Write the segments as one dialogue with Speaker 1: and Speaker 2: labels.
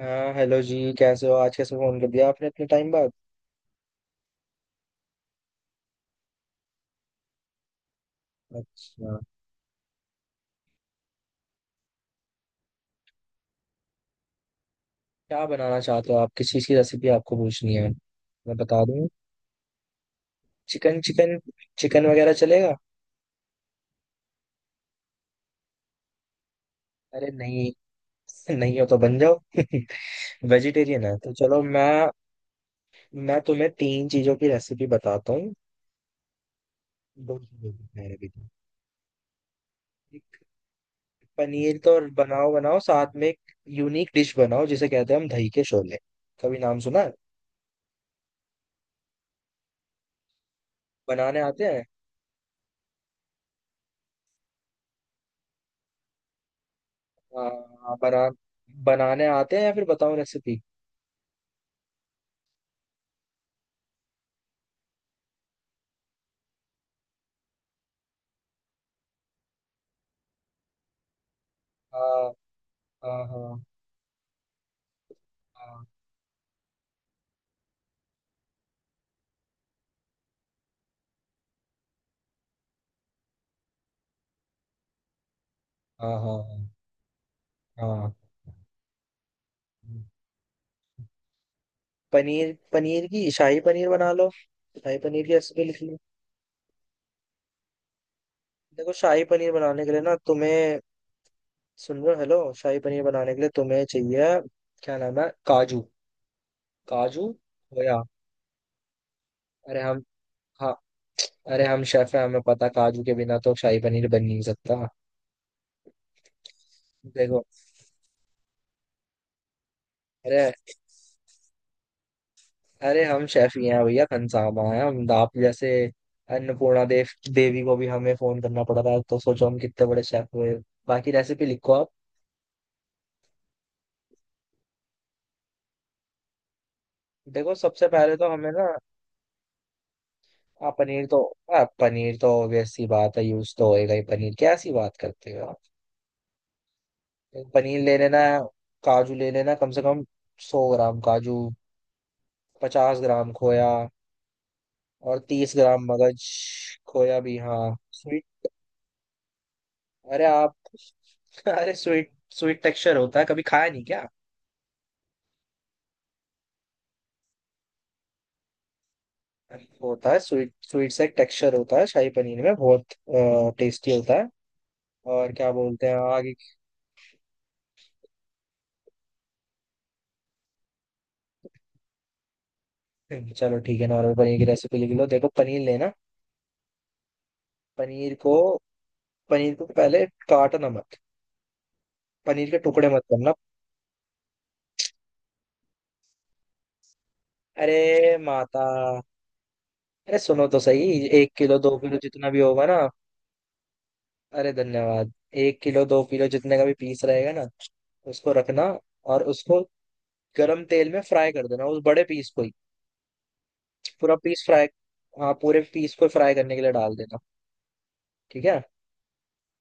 Speaker 1: हाँ हेलो जी, कैसे हो। आज कैसे फोन कर दिया आपने इतने टाइम बाद। अच्छा, क्या बनाना चाहते हो आप, किस चीज़ की रेसिपी आपको पूछनी है। मैं बता दूं, चिकन चिकन चिकन वगैरह चलेगा। अरे नहीं। नहीं हो तो बन जाओ। वेजिटेरियन है तो चलो, मैं तुम्हें तीन चीज़ों की रेसिपी बताता हूँ। दो चीज़ों की है अभी तो। एक पनीर तो बनाओ बनाओ, साथ में एक यूनिक डिश बनाओ जिसे कहते हैं हम दही के शोले। कभी नाम सुना है। बनाने आते हैं, हाँ हाँ। बना बनाने आते हैं या फिर बताओ रेसिपी। हाँ हाँ। हाँ हाँ। हाँ हाँ। हाँ। पनीर पनीर की शाही पनीर बना लो। शाही पनीर की रेसिपी लिख लो। देखो, शाही पनीर बनाने के लिए ना तुम्हें, सुन रहे हो, हेलो, शाही पनीर बनाने के लिए तुम्हें चाहिए क्या नाम है, काजू। काजू, खोया। अरे हम हाँ अरे हम शेफ हैं, हमें पता काजू के बिना तो शाही पनीर बन नहीं सकता। देखो अरे, अरे हम शेफ ही हैं भैया, खनसामा है हम। आप जैसे अन्नपूर्णा देवी को भी हमें फोन करना पड़ रहा है तो सोचो हम कितने बड़े शेफ हुए। बाकी रेसिपी लिखो आप। देखो, सबसे पहले तो हमें ना, आप पनीर तो आप पनीर तो ऑब्वियस सी बात है, यूज तो होएगा ही पनीर, कैसी बात करते हो आप। पनीर ले लेना, काजू ले लेना, कम से कम 100 ग्राम काजू, 50 ग्राम खोया, और 30 ग्राम मगज। खोया भी, हाँ। अरे आप अरे स्वीट स्वीट टेक्सचर होता है, कभी खाया नहीं क्या। वो होता है स्वीट स्वीट सा एक टेक्सचर होता है शाही पनीर में, बहुत टेस्टी होता है। और क्या बोलते हैं आगे। चलो ठीक है, नॉर्मल पनीर की रेसिपी लिख लो। देखो, पनीर लेना, पनीर को पनीर को पहले काटना मत, पनीर के टुकड़े मत करना। अरे माता, अरे सुनो तो सही, 1 किलो 2 किलो जितना भी होगा ना। अरे धन्यवाद। एक किलो दो किलो जितने का भी पीस रहेगा ना उसको रखना, और उसको गरम तेल में फ्राई कर देना, उस बड़े पीस को ही। पूरा पीस फ्राई, हाँ, पूरे पीस को फ्राई करने के लिए डाल देना। ठीक है।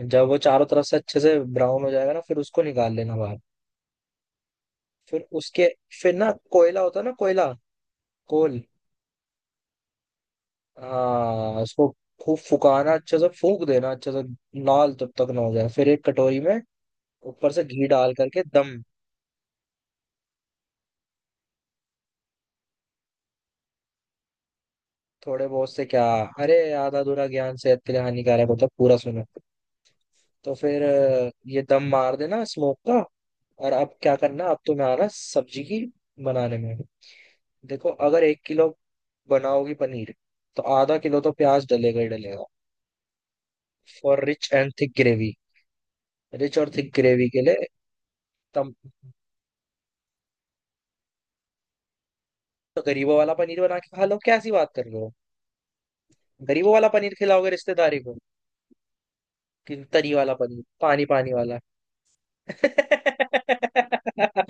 Speaker 1: जब वो चारों तरफ से अच्छे से ब्राउन हो जाएगा ना फिर उसको निकाल लेना बाहर। फिर उसके फिर ना कोयला होता है ना, कोयला, कोल। हाँ, उसको खूब फुकाना, अच्छे से फूक देना, अच्छे से लाल तब तक ना हो जाए, फिर एक कटोरी में ऊपर से घी डाल करके दम। थोड़े बहुत से क्या, अरे आधा अधूरा ज्ञान सेहत के लिए हानिकारक होता है, पूरा सुनो। तो फिर ये दम मार देना स्मोक का। और अब क्या करना, अब तुम्हें आना सब्जी की बनाने में। देखो, अगर 1 किलो बनाओगी पनीर, तो आधा किलो तो प्याज डलेगा ही डलेगा। For rich and thick gravy. Rich और थिक ग्रेवी के लिए। तम तो गरीबों वाला पनीर बना के खा लो, कैसी बात कर रहे हो। गरीबों वाला पनीर खिलाओगे रिश्तेदारी को, कि तरी वाला पनीर, पानी पानी वाला।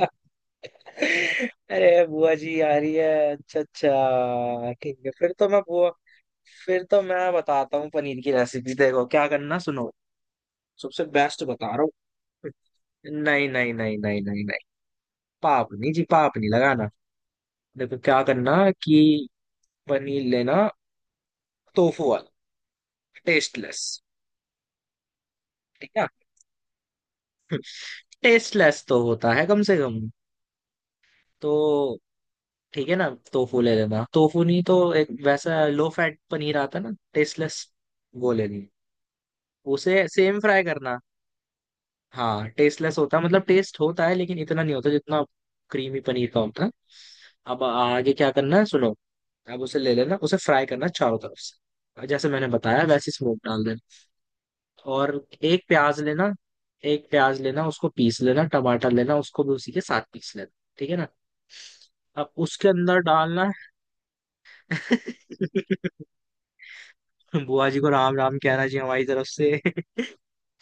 Speaker 1: अरे बुआ जी आ रही है। अच्छा अच्छा ठीक है, फिर तो मैं बताता हूँ पनीर की रेसिपी, देखो क्या करना, सुनो। सबसे बेस्ट बता रहा हूँ। नहीं नहीं नहीं नहीं नहीं नहीं, पाप नहीं जी, पाप नहीं लगाना। देखो क्या करना, कि पनीर लेना, टोफू वाला, टेस्टलेस। ठीक है। टेस्टलेस तो होता है कम से कम। तो ठीक है ना, टोफू ले लेना, टोफू नहीं तो एक वैसा लो फैट पनीर आता है ना टेस्टलेस, वो लेनी। उसे सेम फ्राई करना। हाँ, टेस्टलेस होता है, मतलब टेस्ट होता है लेकिन इतना नहीं होता जितना क्रीमी पनीर का होता है। अब आगे क्या करना है सुनो। अब उसे ले लेना, उसे फ्राई करना चारों तरफ से जैसे मैंने बताया, वैसे स्मोक डाल देना। और एक प्याज लेना, एक प्याज लेना, उसको पीस लेना, टमाटर लेना, उसको भी उसी के साथ पीस लेना। ठीक है ना। अब उसके अंदर डालना है। बुआ जी को राम राम कहना चाहिए हमारी तरफ से।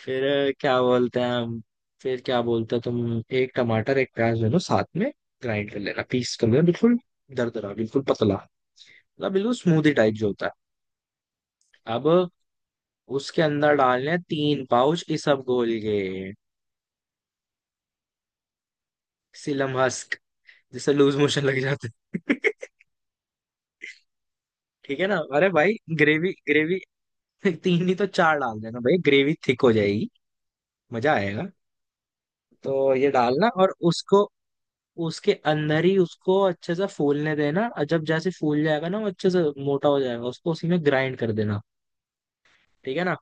Speaker 1: फिर क्या बोलते हैं हम, फिर क्या बोलते हैं, तुम एक टमाटर एक प्याज ले लो साथ में, ग्राइंड कर लेना, पीस कर लेना बिल्कुल, दरदरा बिल्कुल पतला, मतलब बिल्कुल स्मूदी टाइप जो होता है। अब उसके अंदर डालने हैं 3 पाउच इसबगोल के। सिलम हस्क, जिससे लूज मोशन लग जाते हैं। ठीक है ना, अरे भाई ग्रेवी ग्रेवी। तीन नहीं तो चार डाल देना भाई, ग्रेवी थिक हो जाएगी, मजा आएगा। तो ये डालना और उसको, उसके अंदर ही उसको अच्छे से फूलने देना, और जब जैसे फूल जाएगा ना वो अच्छे से मोटा हो जाएगा, उसको उसी में ग्राइंड कर देना। ठीक है ना।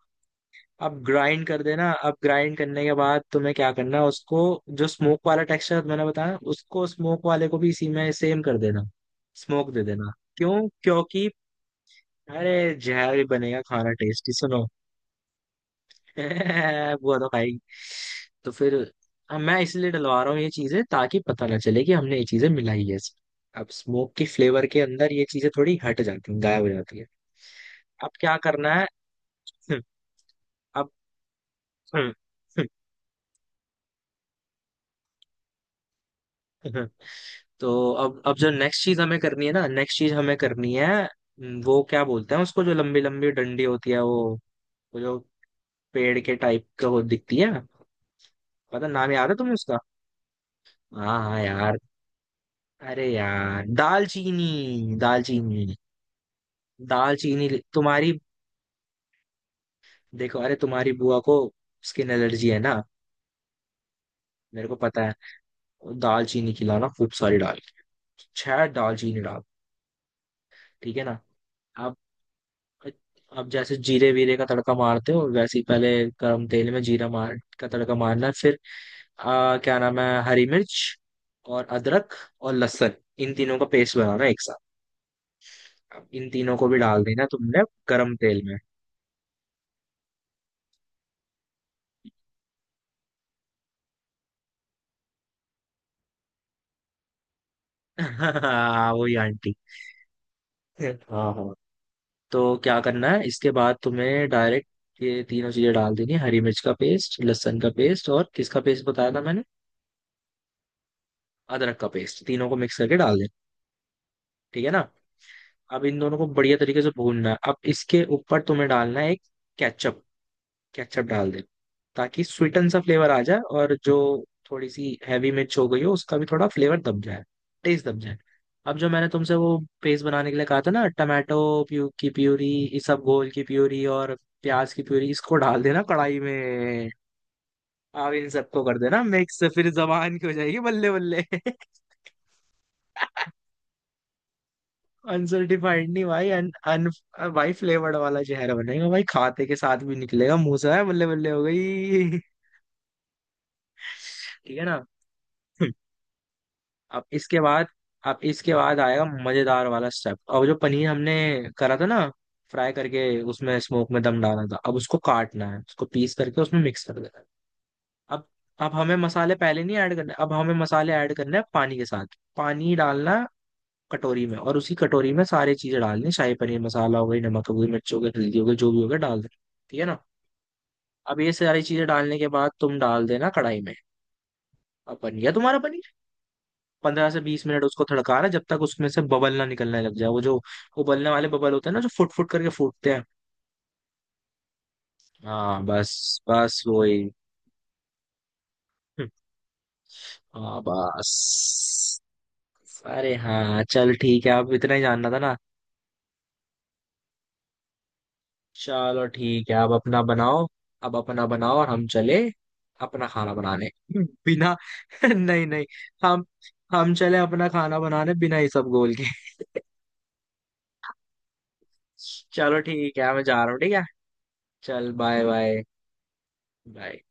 Speaker 1: अब ग्राइंड कर देना, अब ग्राइंड करने के बाद तुम्हें क्या करना है उसको, जो स्मोक वाला टेक्सचर मैंने बताया उसको, स्मोक वाले को भी इसी में सेम कर देना, स्मोक दे देना। क्यों क्योंकि, अरे, जहर ही बनेगा, खाना टेस्टी, सुनो। हुआ था भाई। तो फिर अब मैं इसलिए डलवा रहा हूँ ये चीजें, ताकि पता ना चले कि हमने ये चीजें मिलाई है। अब स्मोक की फ्लेवर के अंदर ये चीजें थोड़ी हट जाती हैं, गायब हो जाती है। अब क्या करना है। अब, तो अब जो नेक्स्ट चीज हमें करनी है ना, नेक्स्ट चीज हमें करनी है, वो क्या बोलते हैं उसको, जो लंबी लंबी डंडी होती है वो जो पेड़ के टाइप का वो दिखती है, पता नाम याद है तुम्हें उसका। हाँ हाँ यार, अरे यार दालचीनी, दालचीनी। दालचीनी तुम्हारी, देखो, अरे तुम्हारी बुआ को स्किन एलर्जी है ना, मेरे को पता है, दालचीनी खिलाना खूब सारी डाल के, छह दालचीनी डाल। ठीक है ना। अब अब जैसे जीरे वीरे का तड़का मारते हो वैसे ही, पहले गरम तेल में जीरा मार का तड़का मारना है, फिर क्या नाम है, हरी मिर्च और अदरक और लहसुन, इन तीनों का पेस्ट बनाना है एक साथ। अब इन तीनों को भी डाल देना तुमने गरम तेल में। हाँ, वही आंटी। हाँ। हाँ। तो क्या करना है इसके बाद तुम्हें, डायरेक्ट ये तीनों चीजें डाल देनी है, हरी मिर्च का पेस्ट, लहसुन का पेस्ट, और किसका पेस्ट बताया था मैंने, अदरक का पेस्ट, तीनों को मिक्स करके डाल देना। ठीक है ना। अब इन दोनों को बढ़िया तरीके से भूनना है, अब इसके ऊपर तुम्हें डालना है एक केचप, केचप डाल दे, ताकि स्वीटन सा फ्लेवर आ जाए, और जो थोड़ी सी हैवी मिर्च हो गई हो उसका भी थोड़ा फ्लेवर दब जाए, टेस्ट दब जाए। अब जो मैंने तुमसे वो पेस्ट बनाने के लिए कहा था ना, टमाटो प्यू की प्यूरी, इसबगोल की प्यूरी, और प्याज की प्यूरी, इसको डाल देना कढ़ाई में। अब इन सबको कर देना मिक्स, फिर जबान की हो जाएगी बल्ले बल्ले। अनसर्टिफाइड नहीं भाई, अन, अन भाई फ्लेवर्ड वाला जहर बनेगा भाई, खाते के साथ भी निकलेगा मुंह से, है बल्ले बल्ले हो गई। ठीक है ना। अब इसके बाद, अब इसके बाद आएगा मजेदार वाला स्टेप, अब जो पनीर हमने करा था ना, फ्राई करके उसमें स्मोक में दम डाला था, अब उसको काटना है, उसको पीस करके उसमें मिक्स कर देना है। अब अब हमें मसाले पहले नहीं ऐड करने, अब हमें मसाले ऐड करने हैं पानी के साथ, पानी डालना है कटोरी में, और उसी कटोरी में सारी चीजें डालनी, शाही पनीर मसाला हो गई, नमक हो गई, मिर्च हो गई, हल्दी हो गई, जो भी हो गया डाल देना। ठीक है ना। अब ये सारी चीजें डालने के बाद तुम डाल देना कढ़ाई में, अब बन गया तुम्हारा पनीर। 15 से 20 मिनट उसको थड़का रहा है, जब तक उसमें से बबल ना निकलने लग जाए, वो जो उबलने वाले बबल होते हैं ना जो फुट फुट करके फूटते हैं। हाँ बस बस वही। हम्म, हाँ बस। अरे हाँ, चल ठीक है, अब इतना ही जानना था ना। चलो ठीक है, अब अपना बनाओ, अब अपना बनाओ, और हम चले अपना खाना बनाने बिना, नहीं नहीं, हम हम चले अपना खाना बनाने बिना ये सब गोल के। चलो ठीक है, मैं जा रहा हूँ, ठीक है। चल बाय बाय बाय।